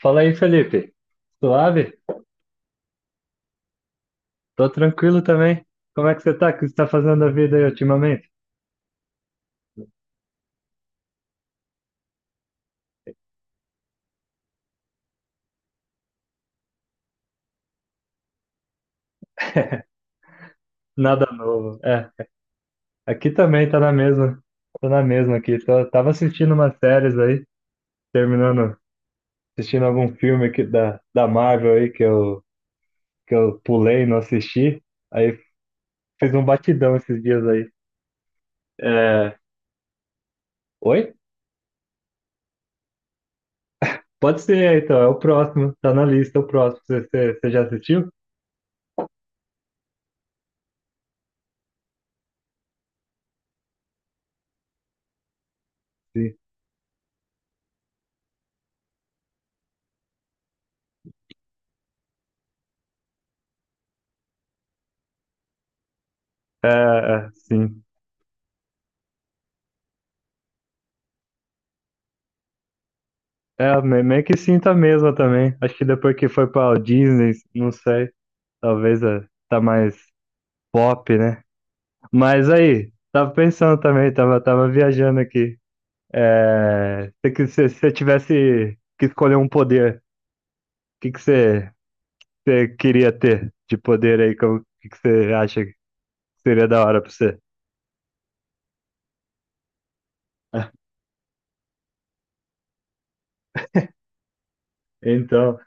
Fala aí, Felipe. Suave? Tô tranquilo também. Como é que você tá? O que você tá fazendo da vida aí ultimamente? Nada novo. É, aqui também tá na mesma. Tô na mesma aqui. Tava assistindo umas séries aí, terminando, assistindo algum filme aqui da Marvel aí que eu pulei, e não assisti. Aí fiz um batidão esses dias aí. É... Oi? Pode ser, então. É o próximo. Tá na lista, o próximo. Você já assistiu? Sim. Sim. É, meio que sinto mesmo também. Acho que depois que foi pra Disney, não sei, talvez é, tá mais pop, né? Mas aí, tava pensando também, tava viajando aqui. É, se você tivesse que escolher um poder, o que que você, você queria ter de poder aí? O que que você acha que seria da hora pra você? Então,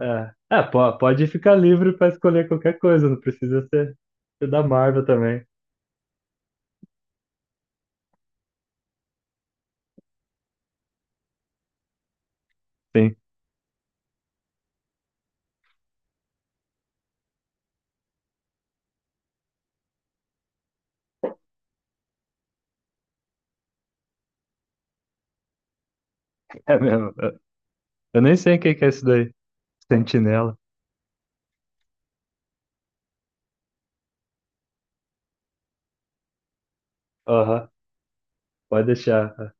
pode ficar livre pra escolher qualquer coisa, não precisa ser, ser da Marvel também. Sim, é mesmo. Eu nem sei o que que é isso daí. Sentinela. Aham, pode deixar.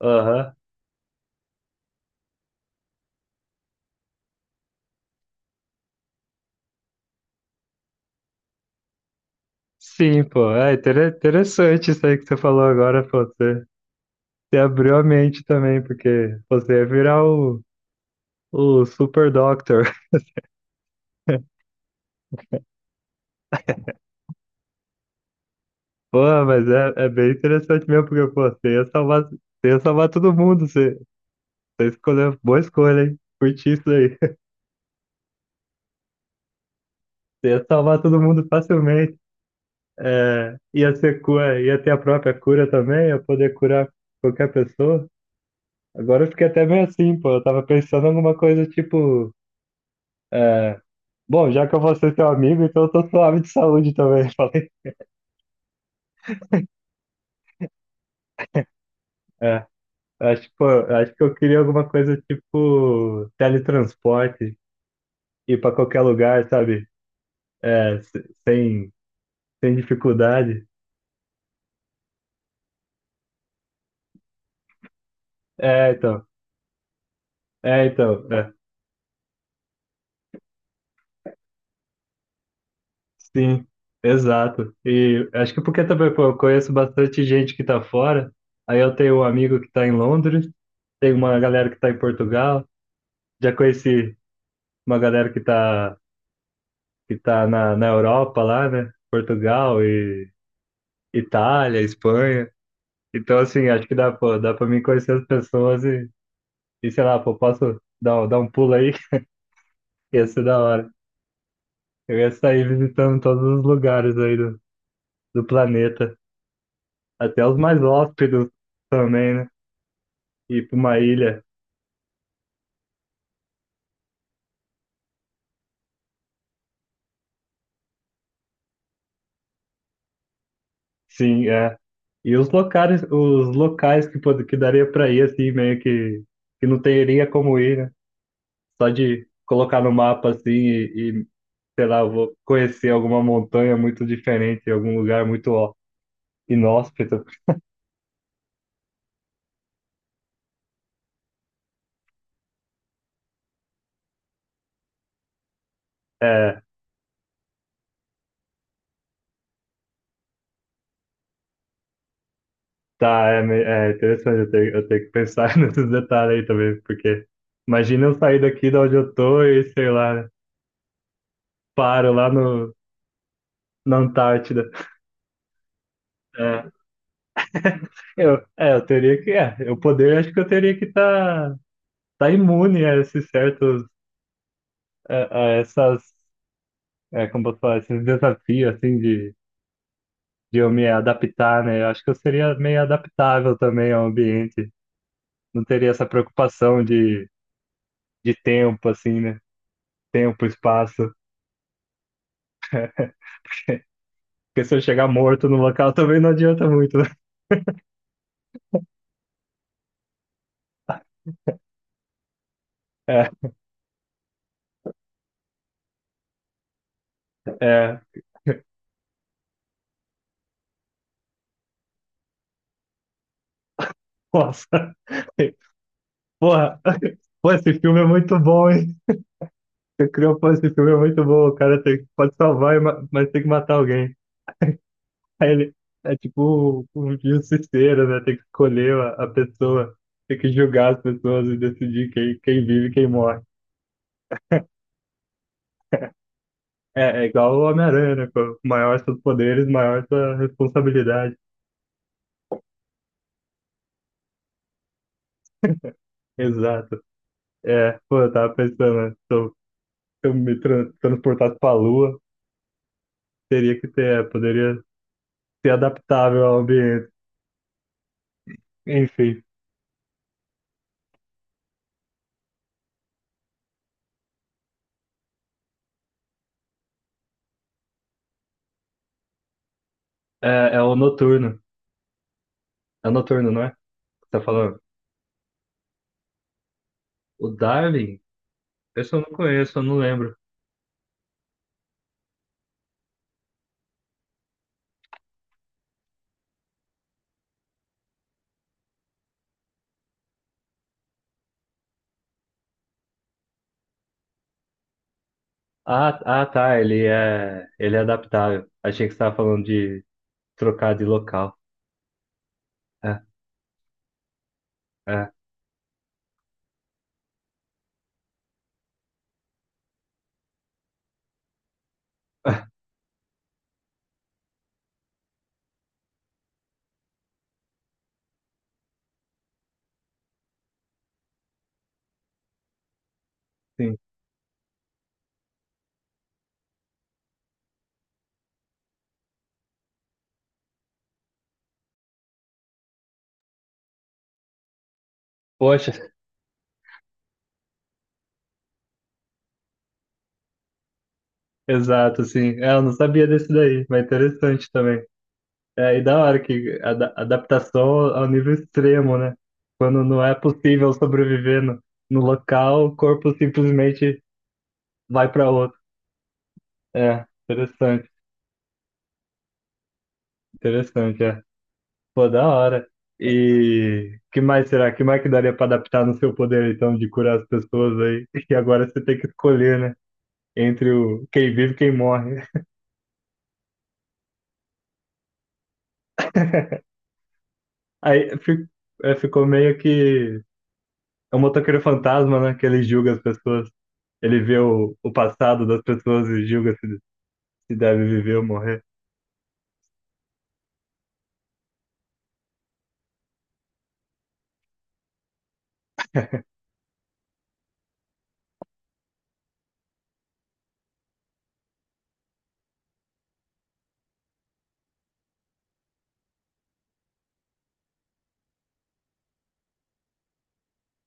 Aham. Sim, pô. É interessante isso aí que você falou agora, pô. Você, você abriu a mente também, porque você ia virar o Super Doctor. Pô, mas é bem interessante mesmo, porque, pô, você ia salvar todo mundo. Você, você escolheu, boa escolha, hein? Curti isso aí. Você ia salvar todo mundo facilmente. É, ia ser, ia ter a própria cura também, ia poder curar qualquer pessoa. Agora eu fiquei até meio assim, pô. Eu tava pensando em alguma coisa tipo. É, bom, já que eu vou ser teu amigo, então eu tô suave de saúde também. Falei. É, acho, pô, acho que eu queria alguma coisa tipo teletransporte, ir pra qualquer lugar, sabe? É, sem dificuldade. É, então. É, então. É, sim, exato. E acho que porque também, pô, eu conheço bastante gente que tá fora. Aí eu tenho um amigo que tá em Londres, tem uma galera que tá em Portugal. Já conheci uma galera que tá na Europa lá, né? Portugal e Itália, Espanha. Então, assim, acho que dá, pô, dá pra mim conhecer as pessoas e sei lá, pô, posso dar, dar um pulo aí? Ia ser da hora. Eu ia sair visitando todos os lugares aí do planeta, até os mais hóspedos também, né? Ir pra uma ilha, sim, é. E os locais que, que daria pra ir, assim, meio que não teria como ir, né? Só de colocar no mapa assim sei lá, eu vou conhecer alguma montanha muito diferente, algum lugar muito ó, inóspito. É, tá, é, é interessante, eu tenho que pensar nesses detalhes aí também, porque imagina eu sair daqui de onde eu tô e, sei lá, né, paro lá no, na Antártida. É. Eu, é, eu teria que, é, eu poder, acho que eu teria que tá imune a esses certos, a essas, é, como posso falar, esses desafios, assim, de eu me adaptar, né? Eu acho que eu seria meio adaptável também ao ambiente. Não teria essa preocupação de tempo, assim, né? Tempo, espaço. Porque se eu chegar morto no local também não adianta muito, né? É, é. Nossa. Porra. Pô, esse filme é muito bom, hein? Você criou, pô, esse filme é muito bom. O cara tem, pode salvar, e mas tem que matar alguém. Aí ele é tipo o um justiceiro, né? Tem que escolher a pessoa. Tem que julgar as pessoas e decidir quem, quem vive e quem morre. É, é igual o Homem-Aranha, né? Pô? Maior seus poderes, maior sua responsabilidade. Exato. É, pô, eu tava pensando, né? Se eu, se eu me transportasse pra Lua, teria que ter, é, poderia ser adaptável ao ambiente. Enfim, é, é o Noturno. É o Noturno, não é? Você tá falando? O Darwin? Esse eu não conheço, eu não lembro. Ah, ah, tá, ele é adaptável. Achei que você tava falando de trocar de local. É, é, sim. Poxa. Exato, assim. É, eu não sabia desse daí, mas interessante também. É, e da hora que a adaptação ao nível extremo, né? Quando não é possível sobreviver no, no local, o corpo simplesmente vai para outro. É, interessante, interessante, é. Pô, da hora. E que mais será? Que mais que daria para adaptar no seu poder, então, de curar as pessoas aí? E agora você tem que escolher, né? Entre o quem vive e quem morre. Aí fi- ficou meio que É o motoqueiro fantasma, né? Que ele julga as pessoas. Ele vê o passado das pessoas e julga se deve viver ou morrer.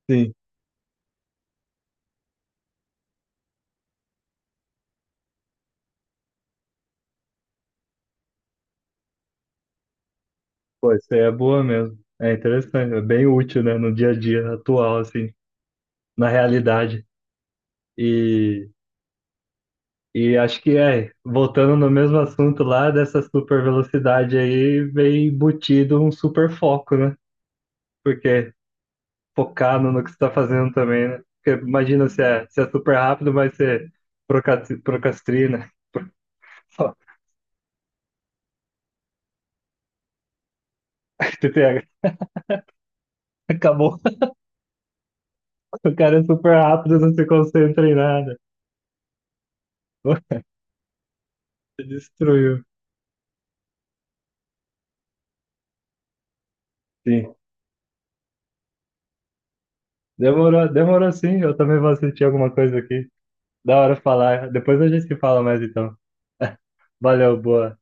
Sim, pô, isso aí é boa mesmo. É interessante, é bem útil, né? No dia a dia atual, assim, na realidade. E, e acho que é, voltando no mesmo assunto lá, dessa super velocidade aí, vem embutido um super foco, né? Porque focar no, no que você está fazendo também, né? Porque imagina se é, se é super rápido, mas você procrastina. Você pega. Acabou. O cara é super rápido, não se concentra em nada. Você destruiu. Sim. Demorou, demorou sim. Eu também vou assistir alguma coisa aqui. Da hora falar. Depois a gente se fala mais então. Valeu, boa.